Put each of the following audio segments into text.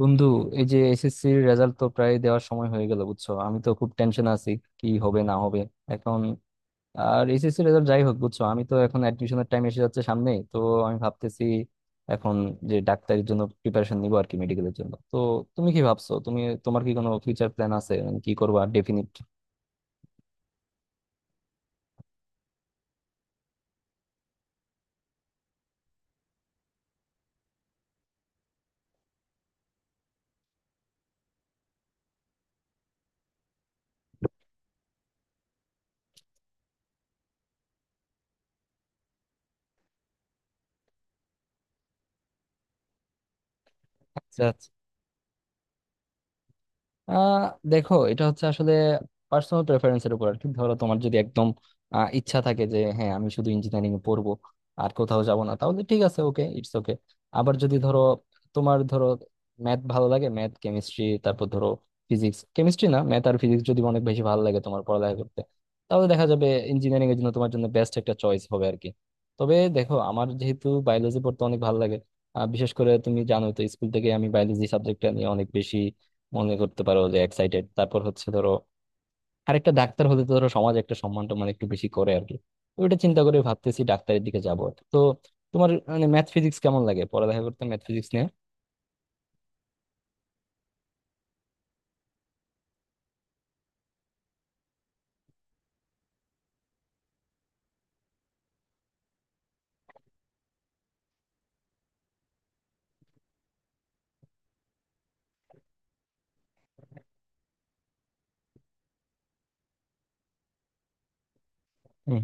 বন্ধু, এই যে এসএসসি এর রেজাল্ট তো প্রায় দেওয়ার সময় হয়ে গেল, বুঝছো? আমি তো খুব টেনশন আছি কি হবে না হবে এখন। আর এসএসসি রেজাল্ট যাই হোক বুঝছো, আমি তো এখন অ্যাডমিশনের টাইম এসে যাচ্ছে সামনে তো। আমি ভাবতেছি এখন যে ডাক্তারির জন্য প্রিপারেশন নিবো আর কি, মেডিকেলের জন্য তো। তুমি কি ভাবছো? তুমি তোমার কি কোনো ফিউচার প্ল্যান আছে? মানে কি করবা ডেফিনিট? আচ্ছা। আহ দেখো, এটা হচ্ছে আসলে পার্সোনাল প্রেফারেন্সের উপর আর কি। ধরো তোমার যদি একদম ইচ্ছা থাকে যে হ্যাঁ আমি শুধু ইঞ্জিনিয়ারিং পড়বো, আর কোথাও যাব না, তাহলে ঠিক আছে, ওকে, ইটস ওকে। আবার যদি ধরো তোমার ধরো ম্যাথ ভালো লাগে, ম্যাথ কেমিস্ট্রি, তারপর ধরো ফিজিক্স কেমিস্ট্রি, না ম্যাথ আর ফিজিক্স যদি অনেক বেশি ভালো লাগে তোমার পড়ালেখা করতে, তাহলে দেখা যাবে ইঞ্জিনিয়ারিং এর জন্য তোমার জন্য বেস্ট একটা চয়েস হবে আর কি। তবে দেখো, আমার যেহেতু বায়োলজি পড়তে অনেক ভালো লাগে, বিশেষ করে তুমি জানোই তো স্কুল থেকে আমি বায়োলজি সাবজেক্টটা নিয়ে অনেক বেশি, মনে করতে পারো যে, এক্সাইটেড। তারপর হচ্ছে ধরো আরেকটা, ডাক্তার হতে তো ধরো সমাজ একটা সম্মান টম্মান একটু বেশি করে আর কি। ওইটা চিন্তা করে ভাবতেছি ডাক্তারের দিকে যাবো। তো তোমার মানে ম্যাথ ফিজিক্স কেমন লাগে পড়ালেখা করতে, ম্যাথ ফিজিক্স নিয়ে? হুম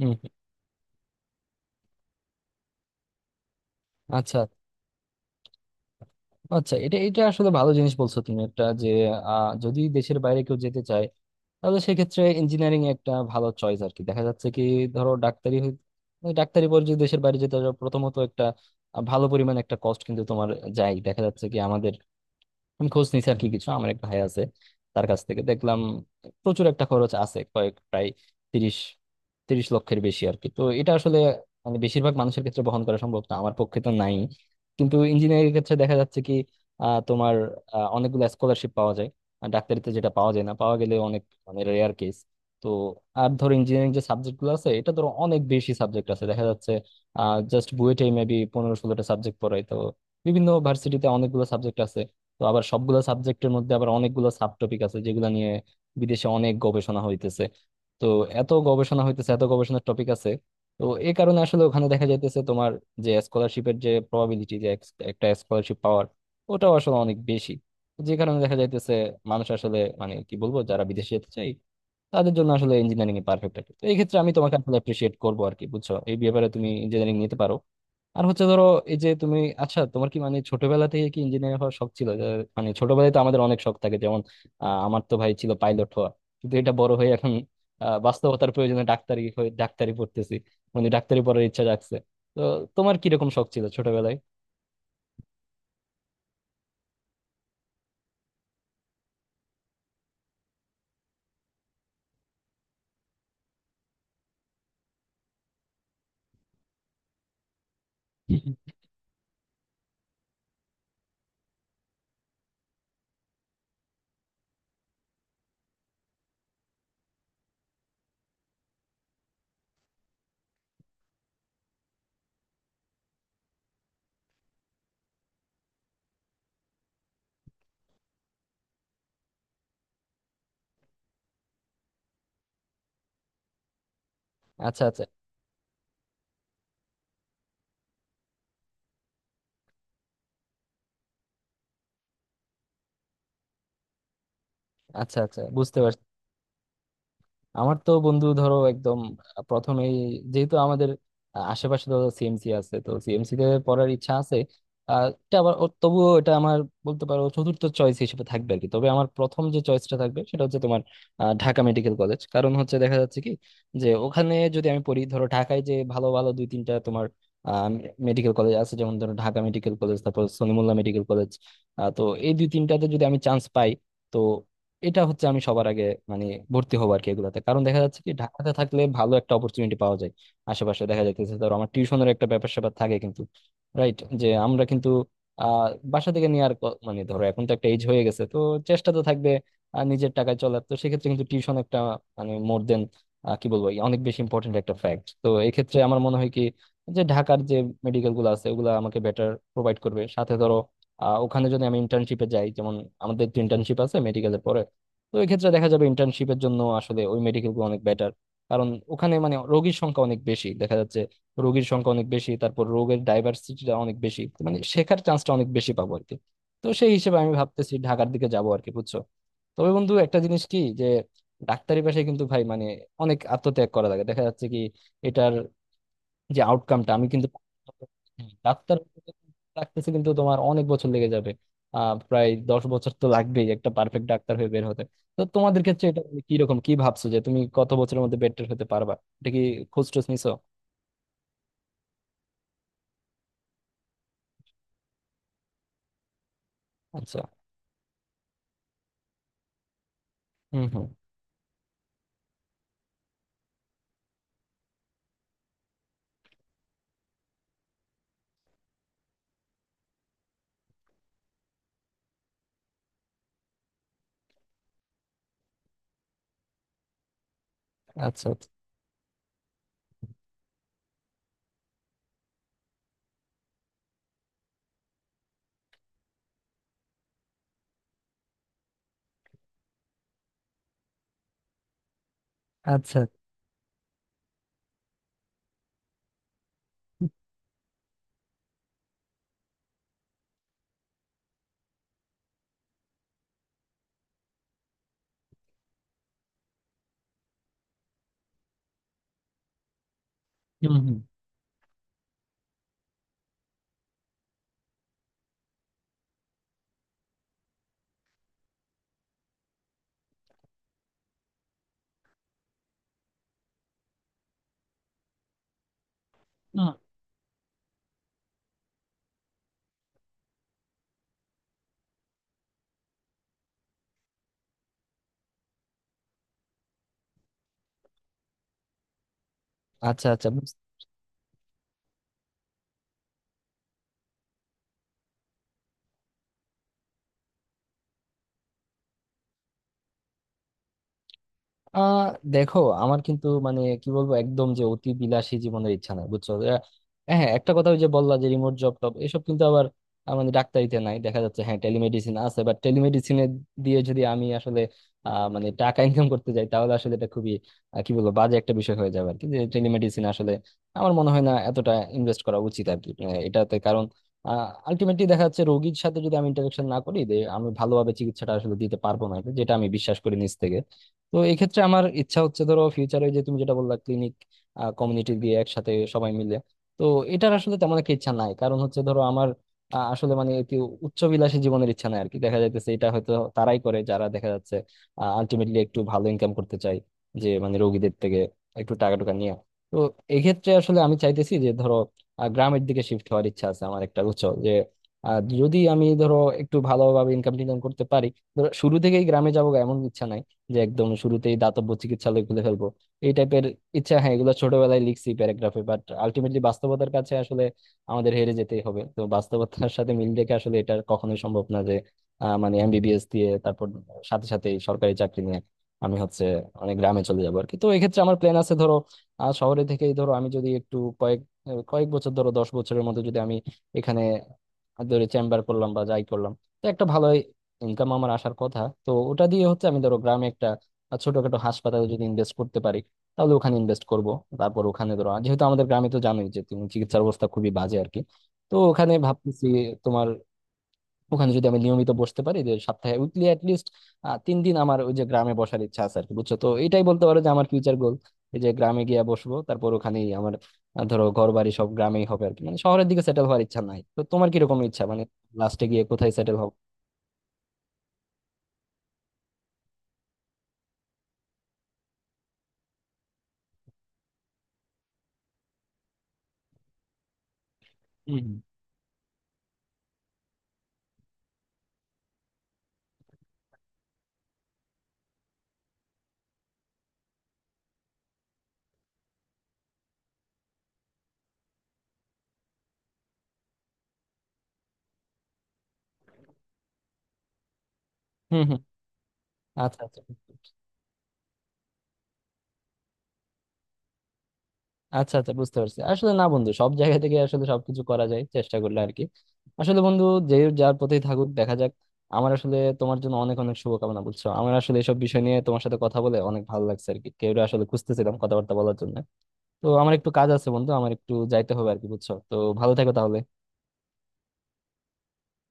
হুম। আচ্ছা আচ্ছা, এটা এটা আসলে ভালো জিনিস বলছো তুমি একটা, যে যদি দেশের বাইরে কেউ যেতে চায় তাহলে সেক্ষেত্রে ইঞ্জিনিয়ারিং একটা ভালো চয়েস আর কি। দেখা যাচ্ছে কি ধরো ওই ডাক্তারি পর যদি দেশের বাইরে যেতে চাও, প্রথমত একটা ভালো পরিমাণ একটা কস্ট কিন্তু তোমার যায়। দেখা যাচ্ছে কি আমাদের, আমি খোঁজ নিছি আর কি কিছু, আমার একটা ভাই আছে, তার কাছ থেকে দেখলাম প্রচুর একটা খরচ আছে, কয়েক প্রায় তিরিশ তিরিশ লক্ষের বেশি আর কি। তো এটা আসলে মানে বেশিরভাগ মানুষের ক্ষেত্রে বহন করা সম্ভব না, আমার পক্ষে তো নাই। কিন্তু ইঞ্জিনিয়ারিং এর ক্ষেত্রে দেখা যাচ্ছে কি তোমার অনেকগুলো স্কলারশিপ পাওয়া যায়। আর ডাক্তারিতে যেটা পাওয়া যায় না, পাওয়া গেলে অনেক মানে রেয়ার কেস। তো আর ধরো ইঞ্জিনিয়ারিং যে সাবজেক্ট গুলো আছে, এটা ধরো অনেক বেশি সাবজেক্ট আছে দেখা যাচ্ছে। জাস্ট বুয়েটে মেবি 15-16টা সাবজেক্ট পড়ায় তো, বিভিন্ন ভার্সিটিতে অনেকগুলো সাবজেক্ট আছে। তো আবার সবগুলো সাবজেক্টের মধ্যে আবার অনেকগুলো সাব টপিক আছে যেগুলো নিয়ে বিদেশে অনেক গবেষণা হইতেছে। তো এত গবেষণা হইতেছে, এত গবেষণার টপিক আছে, তো এই কারণে আসলে ওখানে দেখা যাইতেছে তোমার যে স্কলারশিপের যে প্রবাবিলিটি, যে একটা স্কলারশিপ পাওয়ার, ওটাও আসলে অনেক বেশি। যে কারণে দেখা যাইতেছে মানুষ আসলে, মানে কি বলবো, যারা বিদেশে যেতে চায় তাদের জন্য আসলে ইঞ্জিনিয়ারিং এ পারফেক্ট আর কি। তো এই ক্ষেত্রে আমি তোমাকে আসলে অ্যাপ্রিসিয়েট করবো আর কি, বুঝছো? এই ব্যাপারে তুমি ইঞ্জিনিয়ারিং নিতে পারো। আর হচ্ছে ধরো এই যে তুমি, আচ্ছা তোমার কি মানে ছোটবেলা থেকে কি ইঞ্জিনিয়ার হওয়ার শখ ছিল যে, মানে ছোটবেলায় তো আমাদের অনেক শখ থাকে যেমন আমার তো ভাই ছিল পাইলট হওয়া, কিন্তু এটা বড় হয়ে এখন বাস্তবতার প্রয়োজনে ডাক্তারি হয়ে ডাক্তারি পড়তেছি, মানে ডাক্তারি পড়ার ইচ্ছা জাগছে। তো তোমার কিরকম শখ ছিল ছোটবেলায়? আচ্ছা আচ্ছা। আচ্ছা আচ্ছা, বুঝতে পারছি। আমার তো বন্ধু ধরো একদম প্রথমেই, যেহেতু আমাদের আশেপাশে তো সিএমসি আছে, তো সিএমসি তে পড়ার ইচ্ছা আছে। এটা আবার তবুও এটা আমার, বলতে পারো চতুর্থ চয়েস হিসেবে থাকবে আর কি। তবে আমার প্রথম যে চয়েসটা থাকবে সেটা হচ্ছে তোমার ঢাকা মেডিকেল কলেজ। কারণ হচ্ছে দেখা যাচ্ছে কি যে ওখানে যদি আমি পড়ি, ধরো ঢাকায় যে ভালো ভালো 2-3টা তোমার মেডিকেল কলেজ আছে, যেমন ধরো ঢাকা মেডিকেল কলেজ, তারপর সলিমুল্লাহ মেডিকেল কলেজ, তো এই 2-3টাতে যদি আমি চান্স পাই, তো এটা হচ্ছে আমি সবার আগে, মানে, ভর্তি হবো আর কি এগুলাতে। কারণ দেখা যাচ্ছে কি ঢাকাতে থাকলে ভালো একটা অপরচুনিটি পাওয়া যায় আশেপাশে। দেখা যাইতেছে ধরো আমার টিউশনের একটা ব্যাপার স্যাপার থাকে কিন্তু, রাইট? যে আমরা কিন্তু আহ বাসা থেকে নিয়ে আর মানে ধরো এখন তো একটা এজ হয়ে গেছে, তো চেষ্টা তো থাকবে আর নিজের টাকায় চলার, তো সেক্ষেত্রে কিন্তু টিউশন একটা মানে মোর দেন, কি বলবো, অনেক বেশি ইম্পর্টেন্ট একটা ফ্যাক্ট। তো এক্ষেত্রে আমার মনে হয় কি যে ঢাকার যে মেডিকেল গুলো আছে, ওগুলো আমাকে বেটার প্রোভাইড করবে। সাথে ধরো ওখানে যদি আমি ইন্টার্নশিপে যাই, যেমন আমাদের তো ইন্টার্নশিপ আছে মেডিকেলের পরে, তো এক্ষেত্রে দেখা যাবে ইন্টার্নশিপের জন্য আসলে ওই মেডিকেল গুলো অনেক বেটার। কারণ ওখানে মানে রোগীর সংখ্যা অনেক বেশি দেখা যাচ্ছে, রোগীর সংখ্যা অনেক বেশি, তারপর রোগের ডাইভার্সিটিটা অনেক বেশি, তো মানে শেখার চান্সটা অনেক বেশি পাবো আর কি। তো সেই হিসেবে আমি ভাবতেছি ঢাকার দিকে যাবো আর কি, বুঝছো? তবে বন্ধু একটা জিনিস কি, যে ডাক্তারি পেশায় কিন্তু ভাই মানে অনেক আত্মত্যাগ করা লাগে। দেখা যাচ্ছে কি এটার যে আউটকামটা আমি কিন্তু ডাক্তার লাগতেছে, কিন্তু তোমার অনেক বছর লেগে যাবে। প্রায় 10 বছর তো লাগবেই একটা পারফেক্ট ডাক্তার হয়ে বের হতে। তো তোমাদের ক্ষেত্রে এটা কি রকম, কি ভাবছো যে তুমি কত বছরের মধ্যে বেটার হতে পারবা? এটা কি খোঁজ টোজ নিছো? আচ্ছা। হুম হুম। আচ্ছা আচ্ছা আচ্ছা। হুম হুম। হুম। আচ্ছা আচ্ছা। আহ দেখো আমার কিন্তু মানে কি বলবো একদম যে অতি বিলাসী জীবনের ইচ্ছা নাই, বুঝছো? হ্যাঁ একটা কথা, ওই যে বললা যে রিমোট জব টব এসব, কিন্তু আবার মানে ডাক্তারিতে নাই দেখা যাচ্ছে, হ্যাঁ টেলিমেডিসিন আছে, বাট টেলিমেডিসিনে দিয়ে যদি আমি আসলে মানে টাকা ইনকাম করতে যাই, তাহলে আসলে এটা খুবই কি বলবো, বাজে একটা বিষয় হয়ে যাবে আর কি। যে টেলিমেডিসিন আসলে আমার মনে হয় না এতটা ইনভেস্ট করা উচিত আর কি এটাতে। কারণ আলটিমেটলি দেখা যাচ্ছে রোগীর সাথে যদি আমি ইন্টারাকশন না করি, যে আমি ভালোভাবে চিকিৎসাটা আসলে দিতে পারবো না, এটা যেটা আমি বিশ্বাস করি নিজ থেকে। তো এক্ষেত্রে আমার ইচ্ছা হচ্ছে ধরো ফিউচারে যে তুমি যেটা বললা ক্লিনিক কমিউনিটি দিয়ে একসাথে সবাই মিলে, তো এটার আসলে তেমন একটা ইচ্ছা নাই। কারণ হচ্ছে ধরো আমার আসলে মানে একটি উচ্চবিলাসী জীবনের ইচ্ছা নাই আর কি। দেখা যাইতেছে এটা হয়তো তারাই করে যারা দেখা যাচ্ছে আলটিমেটলি একটু ভালো ইনকাম করতে চাই, যে মানে রোগীদের থেকে একটু টাকা টুকা নিয়ে। তো এক্ষেত্রে আসলে আমি চাইতেছি যে ধরো গ্রামের দিকে শিফট হওয়ার ইচ্ছা আছে আমার একটা, উচ্চ যে যদি আমি ধরো একটু ভালোভাবে ইনকাম টিনকাম করতে পারি, ধরো শুরু থেকেই গ্রামে যাবো এমন ইচ্ছা নাই, যে একদম শুরুতেই দাতব্য চিকিৎসালয় খুলে ফেলবো এই টাইপের ইচ্ছা। হ্যাঁ এগুলো ছোটবেলায় লিখছি প্যারাগ্রাফে, বাট আলটিমেটলি বাস্তবতার কাছে আসলে আমাদের হেরে যেতেই হবে। তো বাস্তবতার সাথে মিল রেখে আসলে এটা কখনোই সম্ভব না যে মানে এমবিবিএস দিয়ে তারপর সাথে সাথে সরকারি চাকরি নিয়ে আমি হচ্ছে অনেক গ্রামে চলে যাবো আর কি। তো এক্ষেত্রে আমার প্ল্যান আছে ধরো শহরে থেকেই ধরো আমি যদি একটু কয়েক কয়েক বছর ধরো 10 বছরের মধ্যে যদি আমি এখানে ধরে চেম্বার করলাম বা যাই করলাম, তো একটা ভালো ইনকাম আমার আসার কথা। তো ওটা দিয়ে হচ্ছে আমি ধরো গ্রামে একটা ছোটখাটো হাসপাতালে যদি ইনভেস্ট করতে পারি, তাহলে ওখানে ইনভেস্ট করব। তারপর ওখানে ধরো যেহেতু আমাদের গ্রামে তো জানোই যে তুমি চিকিৎসার অবস্থা খুবই বাজে আর কি, তো ওখানে ভাবতেছি তোমার, ওখানে যদি আমি নিয়মিত বসতে পারি, যে সপ্তাহে উইকলি অ্যাটলিস্ট 3 দিন আমার ওই যে গ্রামে বসার ইচ্ছা আছে আর কি, বুঝছো? তো এটাই বলতে পারো যে আমার ফিউচার গোল, এই যে গ্রামে গিয়ে বসবো। তারপর ওখানেই আমার ধরো ঘর বাড়ি সব গ্রামেই হবে আর কি, মানে শহরের দিকে সেটেল হওয়ার ইচ্ছা নাই। তো তোমার কিরকম ইচ্ছা, মানে লাস্টে গিয়ে কোথায় সেটেল হবে? হম হম। আচ্ছা আচ্ছা। আচ্ছা আচ্ছা, বুঝতে পারছি। আসলে না বন্ধু, সব জায়গা থেকে আসলে সবকিছু করা যায় চেষ্টা করলে আর কি। আসলে বন্ধু, যে যার পথেই থাকুক, দেখা যাক। আমার আসলে তোমার জন্য অনেক অনেক শুভকামনা। বলছো আমার আসলে এসব বিষয় নিয়ে তোমার সাথে কথা বলে অনেক ভালো লাগছে আর কি, কেউ আসলে খুঁজতেছিলাম কথাবার্তা বলার জন্য। তো আমার একটু কাজ আছে বন্ধু, আমার একটু যাইতে হবে আর কি, বুঝছো? তো ভালো থেকো তাহলে।